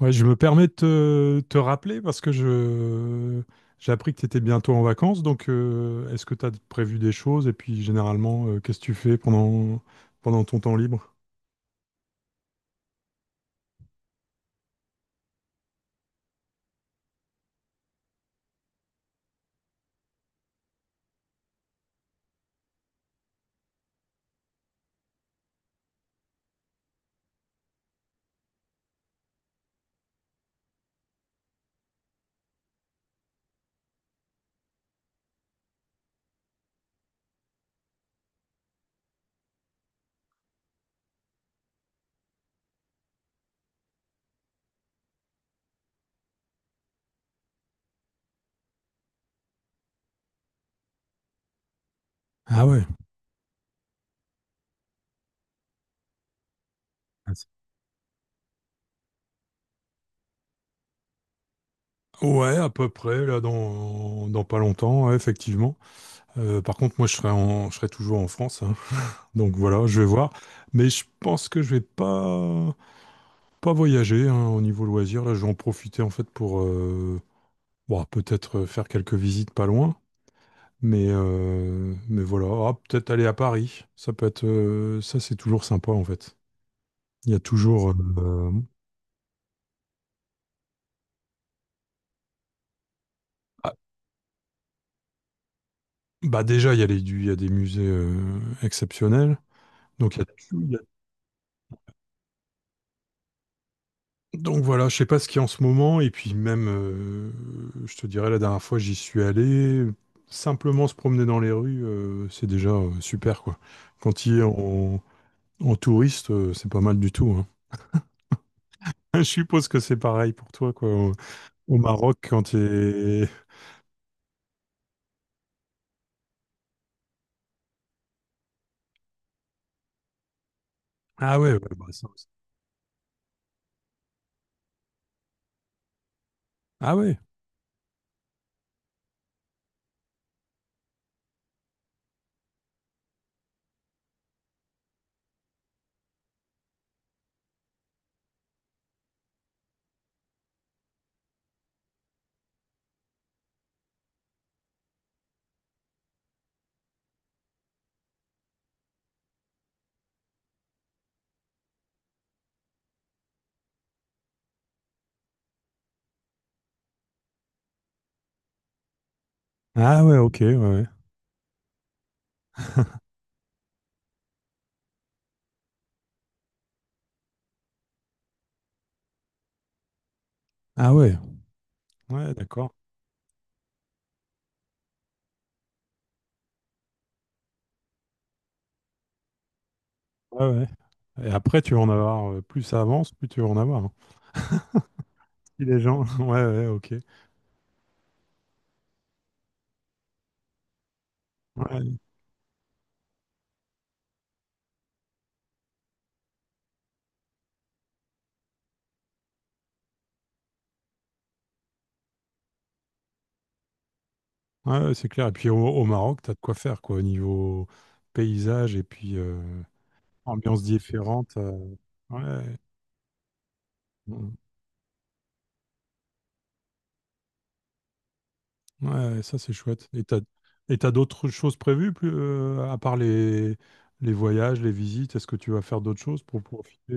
Ouais, je me permets de te rappeler parce que je j'ai appris que tu étais bientôt en vacances, donc est-ce que tu as prévu des choses et puis généralement qu'est-ce que tu fais pendant ton temps libre? Ah ouais. Ouais, à peu près, là, dans pas longtemps, ouais, effectivement. Par contre, moi, je serai toujours en France, hein. Donc voilà, je vais voir. Mais je pense que je vais pas, pas voyager, hein, au niveau loisir. Là, je vais en profiter, en fait, pour, bon, peut-être faire quelques visites pas loin. Mais voilà. Ah, peut-être aller à Paris, ça peut être, ça c'est toujours sympa en fait. Il y a toujours, ah, bah déjà il y a il y a des musées exceptionnels. Donc il y a- il y a- donc voilà, je sais pas ce qu'il y a en ce moment et puis même, je te dirais la dernière fois j'y suis allé, simplement se promener dans les rues, c'est déjà super quoi. Quand il est en, En touriste, c'est pas mal du tout, hein. Je suppose que c'est pareil pour toi quoi. Au Maroc, quand tu es... Ah ouais, ouais, bah, ça aussi. Ah ouais. Ah ouais, ok, ouais, ouais. Ah ouais. Ouais, d'accord. Ouais, ouais. Et après, tu vas en avoir, plus ça avance, plus tu vas en avoir, hein. Si les gens, ouais, ouais, ok. Ouais, ouais, ouais, c'est clair. Et puis au Maroc, t'as de quoi faire, quoi, au niveau paysage et puis ambiance différente, ouais. Mm. Ouais, ça c'est chouette. Et t'as d'autres choses prévues, plus, à part les voyages, les visites, est-ce que tu vas faire d'autres choses pour profiter?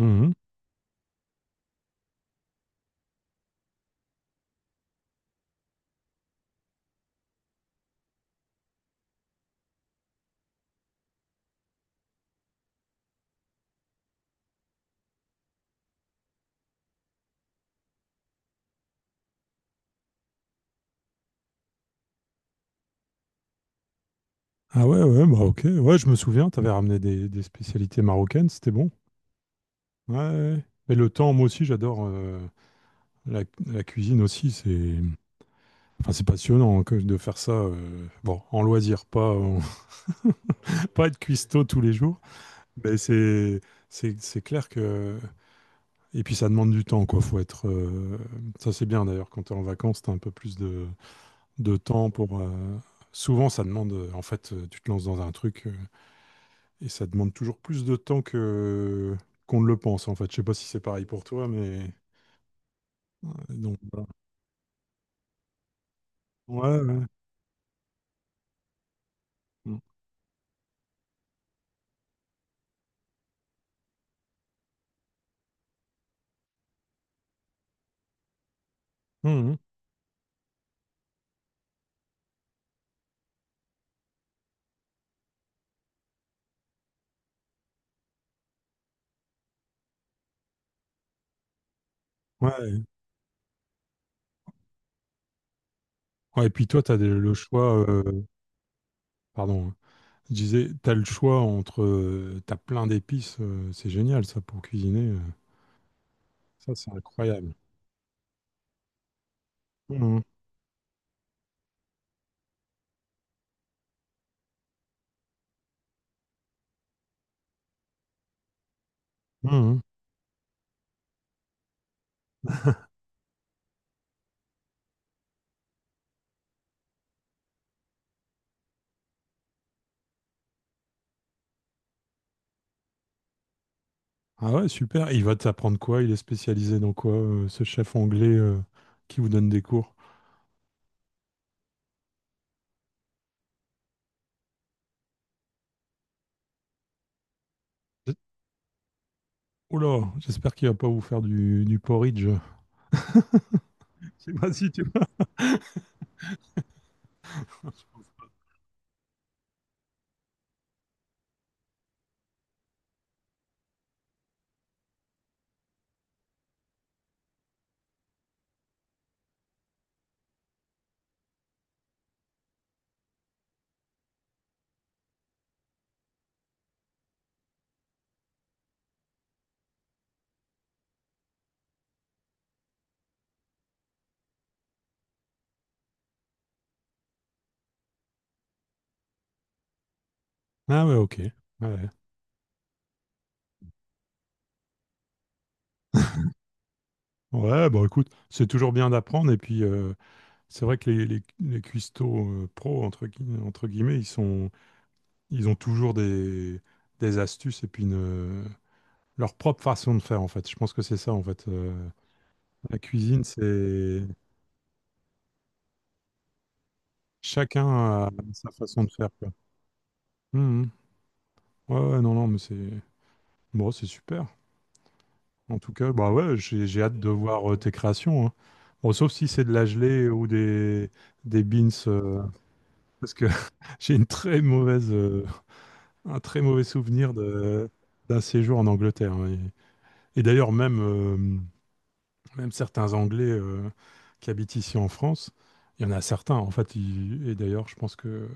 euh, Ah ouais, ouais, bah ok. Ouais, je me souviens, t'avais ramené des spécialités marocaines, c'était bon. Ouais, ouais. Et le temps, moi aussi, j'adore la, la cuisine aussi. C'est, enfin, c'est passionnant hein, que de faire ça. Bon, en loisir, pas, en- pas être cuistot tous les jours. Mais c'est, c'est clair que... Et puis ça demande du temps, quoi. Faut être, ça c'est bien d'ailleurs. Quand t'es en vacances, t'as un peu plus de temps pour, souvent, ça demande, en fait, tu te lances dans un truc, et ça demande toujours plus de temps que qu'on ne le pense, en fait. Je sais pas si c'est pareil pour toi, mais ouais, donc voilà. Ouais, ouais. Mmh. Mmh, mmh. Ouais. Ouais, et puis toi, tu as le choix, pardon, hein. Je disais, tu as le choix entre, tu as plein d'épices, c'est génial ça pour cuisiner. Ça c'est incroyable. Mmh, mmh. Ah ouais, super. Et il va t'apprendre quoi? Il est spécialisé dans quoi, ce chef anglais qui vous donne des cours? Oula, j'espère qu'il va pas vous faire du porridge. Je sais pas si tu... Ah ouais, ok. Ouais. Ouais, bah écoute, c'est toujours bien d'apprendre. Et puis, c'est vrai que les cuistots pro, entre guillemets, ils ont toujours des astuces et puis leur propre façon de faire, en fait. Je pense que c'est ça, en fait. La cuisine, c'est... Chacun a sa façon de faire, quoi. Mhm. Ouais, ouais, non, non, mais c'est... Bon, c'est super. En tout cas, bah ouais, j'ai hâte de voir tes créations, hein. Bon, sauf si c'est de la gelée ou des beans, parce que j'ai une très mauvaise, un très mauvais souvenir de, d'un séjour en Angleterre, hein. Et d'ailleurs, même, même certains Anglais qui habitent ici en France, il y en a certains, en fait, et d'ailleurs, je pense que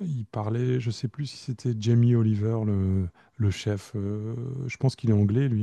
ils parlaient, je sais plus si c'était Jamie Oliver, le chef, je pense qu'il est anglais, lui.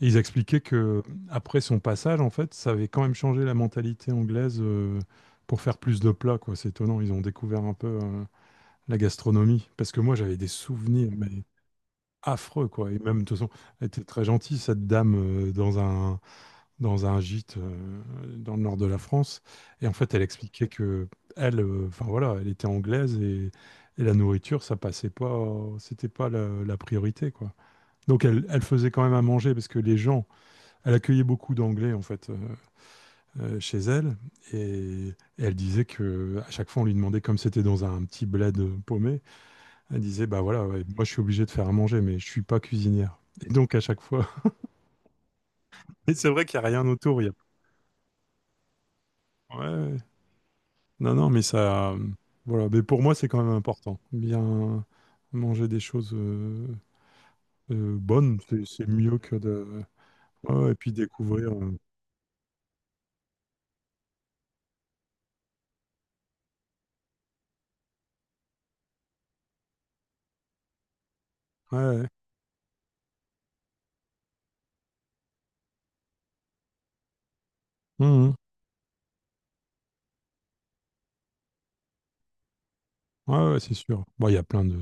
Et ils expliquaient que après son passage, en fait, ça avait quand même changé la mentalité anglaise, pour faire plus de plats, quoi. C'est étonnant, ils ont découvert un peu, la gastronomie, parce que moi j'avais des souvenirs mais affreux quoi. Et même de toute façon, elle était très gentille cette dame, dans un gîte, dans le nord de la France, et en fait elle expliquait qu'elle, enfin voilà, elle était anglaise, et la nourriture ça passait pas, c'était pas la priorité quoi. Donc elle faisait quand même à manger parce que les gens, elle accueillait beaucoup d'anglais en fait, chez elle, et et elle disait que à chaque fois on lui demandait, comme c'était dans un petit bled, paumé, elle disait, bah voilà, ouais, moi je suis obligée de faire à manger, mais je suis pas cuisinière. Et donc à chaque fois, et c'est vrai qu'il n'y a rien autour. Il y a... ouais, ouais. Non, non, mais ça, voilà. Mais pour moi, c'est quand même important. Bien manger des choses bonnes, c'est mieux que de... Ouais, ouais, et puis découvrir, euh. Ouais, ouais. Mhm. Ouais, ouais, c'est sûr. Bon, il y a plein de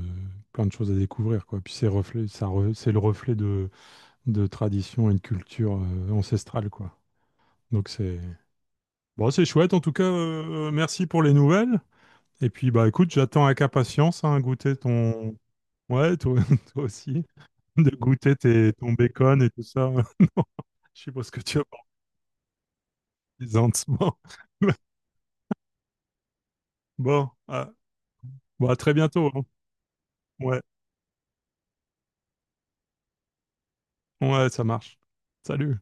plein de choses à découvrir, quoi. Puis c'est reflet, ça, c'est le reflet de tradition et de culture ancestrale, quoi. Donc c'est... Bon, c'est chouette en tout cas, merci pour les nouvelles. Et puis bah écoute, j'attends avec impatience hein, goûter ton... Ouais, toi, toi aussi, de goûter ton bacon et tout ça. Je sais pas ce que tu as, partisan. Bon, ah, bon, à très bientôt, hein. Ouais, ouais, ça marche. Salut.